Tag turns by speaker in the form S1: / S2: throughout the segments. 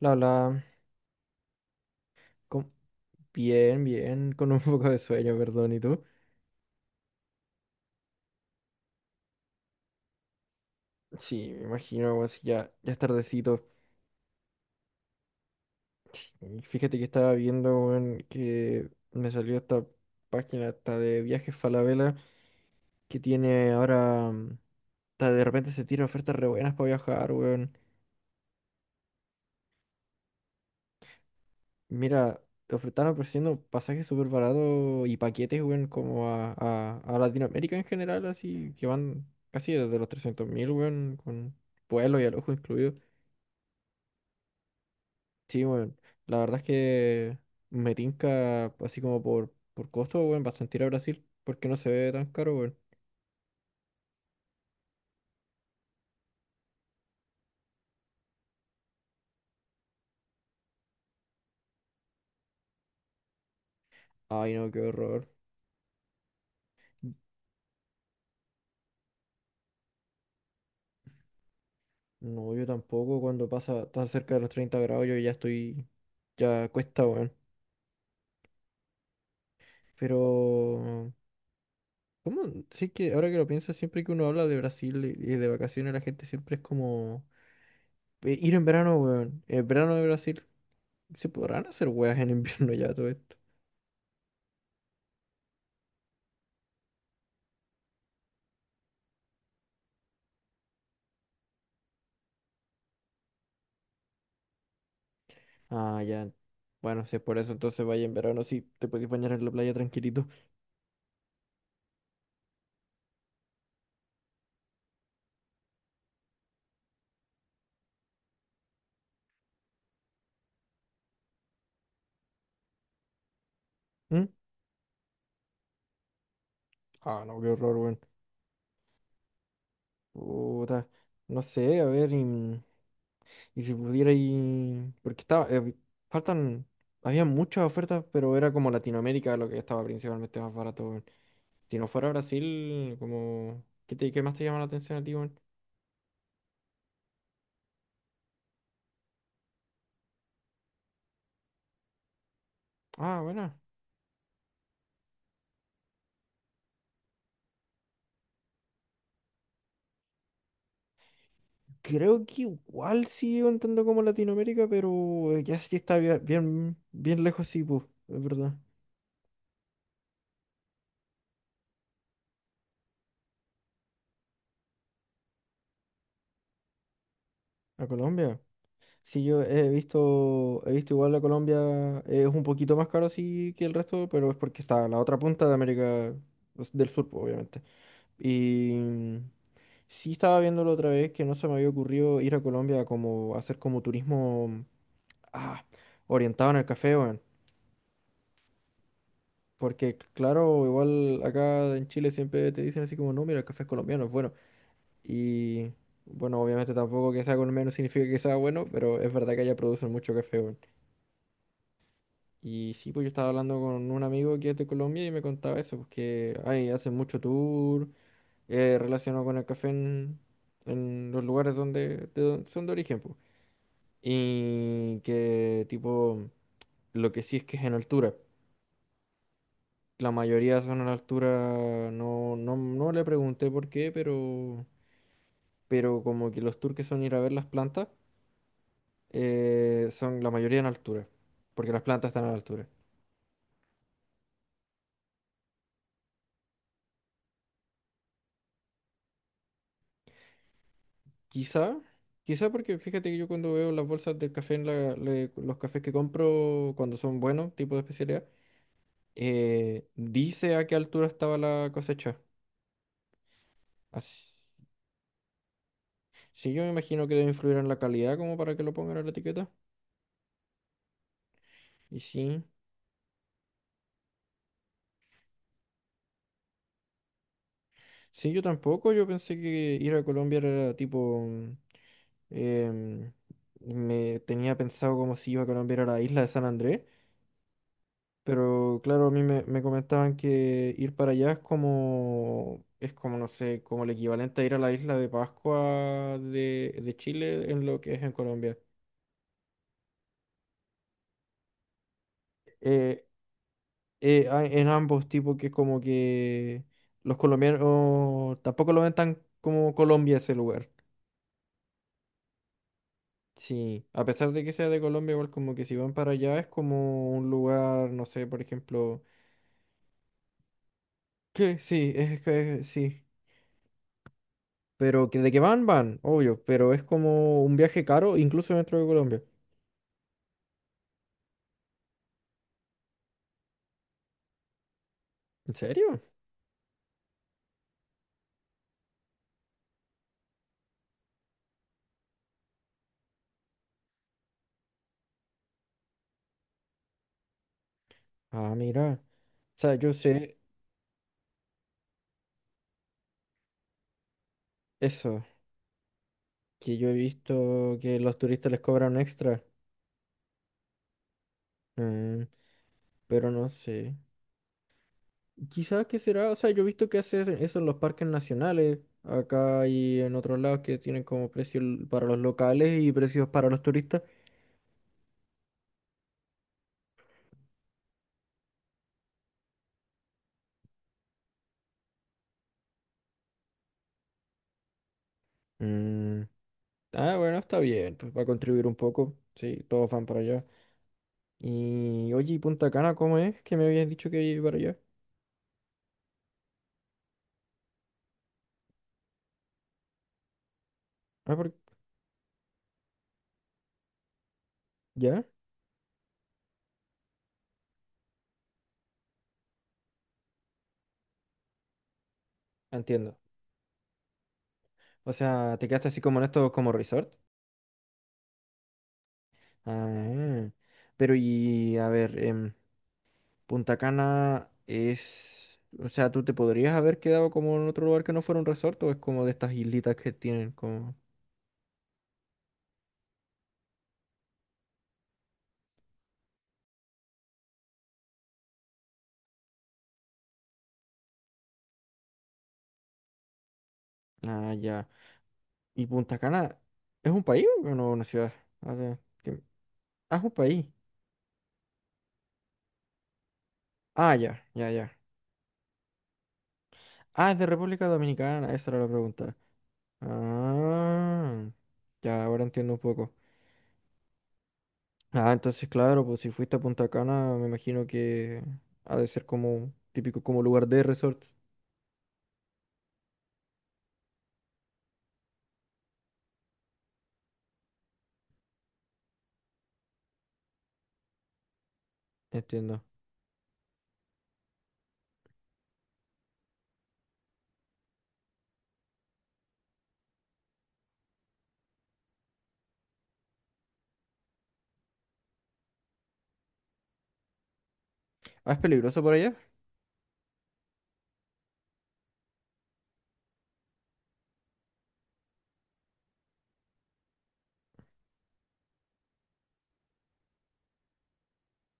S1: La, la, con- Bien, bien, con un poco de sueño, perdón, ¿y tú? Sí, me imagino, weón, si ya es tardecito. Fíjate que estaba viendo, weón, que me salió esta página hasta de viajes Falabella que tiene ahora, de repente se tiran ofertas re buenas para viajar, weón. Mira, están ofreciendo pasajes súper baratos y paquetes, weón, como a Latinoamérica en general, así, que van casi desde los 300.000, weón, con vuelo y alojo incluido. Sí, bueno, la verdad es que me tinca así como por costo, bueno, bastante ir a Brasil, porque no se ve tan caro, bueno. Ay, no, qué horror. No, yo tampoco, cuando pasa tan cerca de los 30 grados, yo ya estoy, ya cuesta, bueno. Pero, ¿cómo? Sí que ahora que lo pienso, siempre que uno habla de Brasil y de vacaciones, la gente siempre es como, ir en verano, weón, el verano de Brasil, ¿se podrán hacer weas en invierno ya todo esto? Ah, ya. Bueno, si es por eso, entonces vaya en verano, sí, te puedes bañar en la playa tranquilito. ¿Mm? Ah, no, qué horror, weón. Puta. No sé, a ver, y si pudiera ir. Porque estaba faltan... había muchas ofertas, pero era como Latinoamérica lo que estaba principalmente más barato, weón. Si no fuera Brasil, como ¿qué, qué más te llama la atención a ti, weón? Ah, bueno. Creo que igual sigue contando como Latinoamérica, pero ya sí está bien lejos, sí, pues, es verdad. ¿A Colombia? Sí, yo he visto igual la Colombia, es un poquito más caro sí que el resto, pero es porque está a la otra punta de América pues, del Sur, pues, obviamente. Y sí estaba viéndolo otra vez que no se me había ocurrido ir a Colombia como hacer como turismo ah, orientado en el café, weón. Porque claro, igual acá en Chile siempre te dicen así como, no, mira, el café es colombiano, es bueno. Y bueno, obviamente tampoco que sea colombiano significa que sea bueno, pero es verdad que allá producen mucho café, weón. Y sí, pues yo estaba hablando con un amigo que es de Colombia y me contaba eso, pues que ay, hacen mucho tour relacionado con el café en los lugares donde, son de origen, pues. Y que tipo, lo que sí es que es en altura. La mayoría son en altura, no le pregunté por qué, pero como que los tours que son ir a ver las plantas, son la mayoría en altura, porque las plantas están a la altura. Quizá, quizá porque fíjate que yo cuando veo las bolsas del café en los cafés que compro cuando son buenos, tipo de especialidad, dice a qué altura estaba la cosecha. Así, sí, yo me imagino que debe influir en la calidad como para que lo pongan en la etiqueta. Y sí, sí, yo tampoco, yo pensé que ir a Colombia era tipo, em, me tenía pensado como si iba a Colombia era la isla de San Andrés. Pero claro, a me comentaban que ir para allá es como, no sé, como el equivalente a ir a la isla de Pascua de Chile en lo que es en Colombia. Eh, en ambos tipos que como que los colombianos tampoco lo ven tan como Colombia ese lugar. Sí, a pesar de que sea de Colombia, igual como que si van para allá es como un lugar, no sé, por ejemplo, que sí, es que sí. Pero que de que van, van, obvio, pero es como un viaje caro incluso dentro de Colombia. ¿En serio? Ah, mira. O sea, yo sé eso, que yo he visto que los turistas les cobran extra, mm, pero no sé. Quizás que será, o sea, yo he visto que hacen eso en los parques nacionales, acá y en otros lados que tienen como precios para los locales y precios para los turistas. Mm, ah, bueno, está bien, pues va a contribuir un poco, sí, todos van para allá. Y oye, ¿y Punta Cana cómo es? Que me habías dicho que iba para allá. Ah, por... ¿Ya? Entiendo. O sea, te quedaste así como en esto como resort. Ah, pero y a ver, Punta Cana es... O sea, ¿tú te podrías haber quedado como en otro lugar que no fuera un resort o es como de estas islitas que tienen como... Ah, ya. ¿Y Punta Cana es un país o no una ciudad? A ver, que- ah, es un país. Ah, ya, ya, ya. Ah, es de República Dominicana, esa era la pregunta. Ah, ya ahora entiendo un poco. Ah, entonces claro, pues si fuiste a Punta Cana, me imagino que ha de ser como típico como lugar de resort. Entiendo. Ah, es peligroso por allá.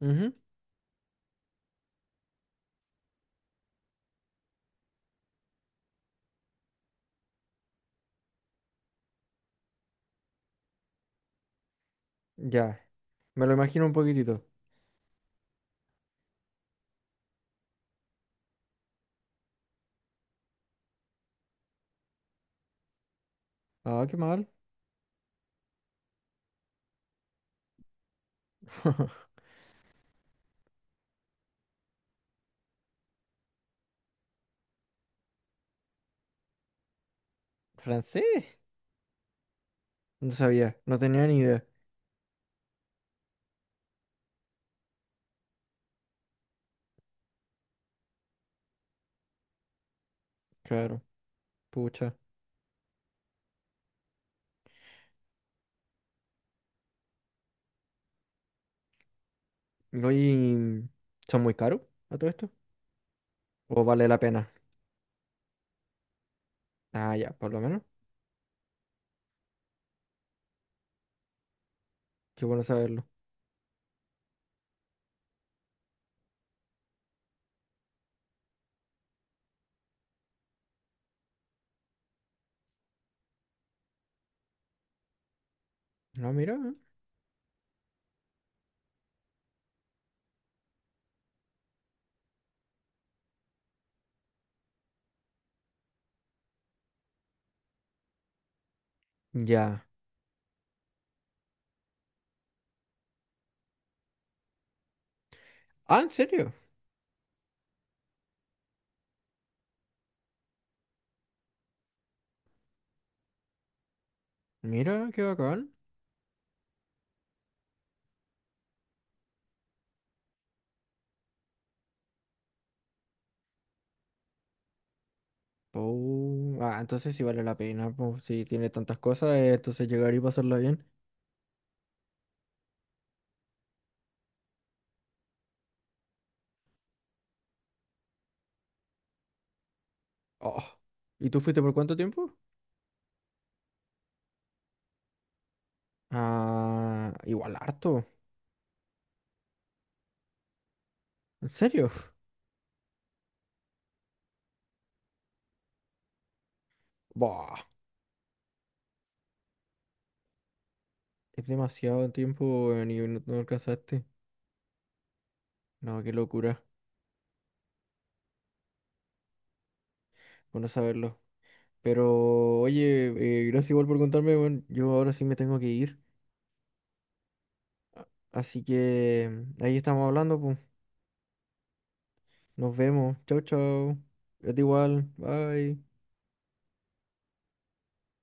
S1: Ujú, ya, me lo imagino un poquitito. Ah, qué mal. ¿Francés? No sabía, no tenía ni idea. Claro, pucha. No, ¿y son muy caros a todo esto? ¿O vale la pena? Ah, ya, por lo menos. Qué bueno saberlo. No, mira. Eh. Ya. Ah, ¿en serio? Mira, qué bacán. Oh, ah, entonces sí vale la pena, pues, si tiene tantas cosas, entonces llegar y pasarla bien. Oh, ¿y tú fuiste por cuánto tiempo? Ah, igual harto. ¿En serio? Bah, es demasiado tiempo, ni no, no alcanzaste. No, qué locura, bueno saberlo. Pero, oye, gracias igual por contarme, bueno, yo ahora sí me tengo que ir. Así que ahí estamos hablando, pues. Nos vemos. Chau, chau. Es igual. Bye.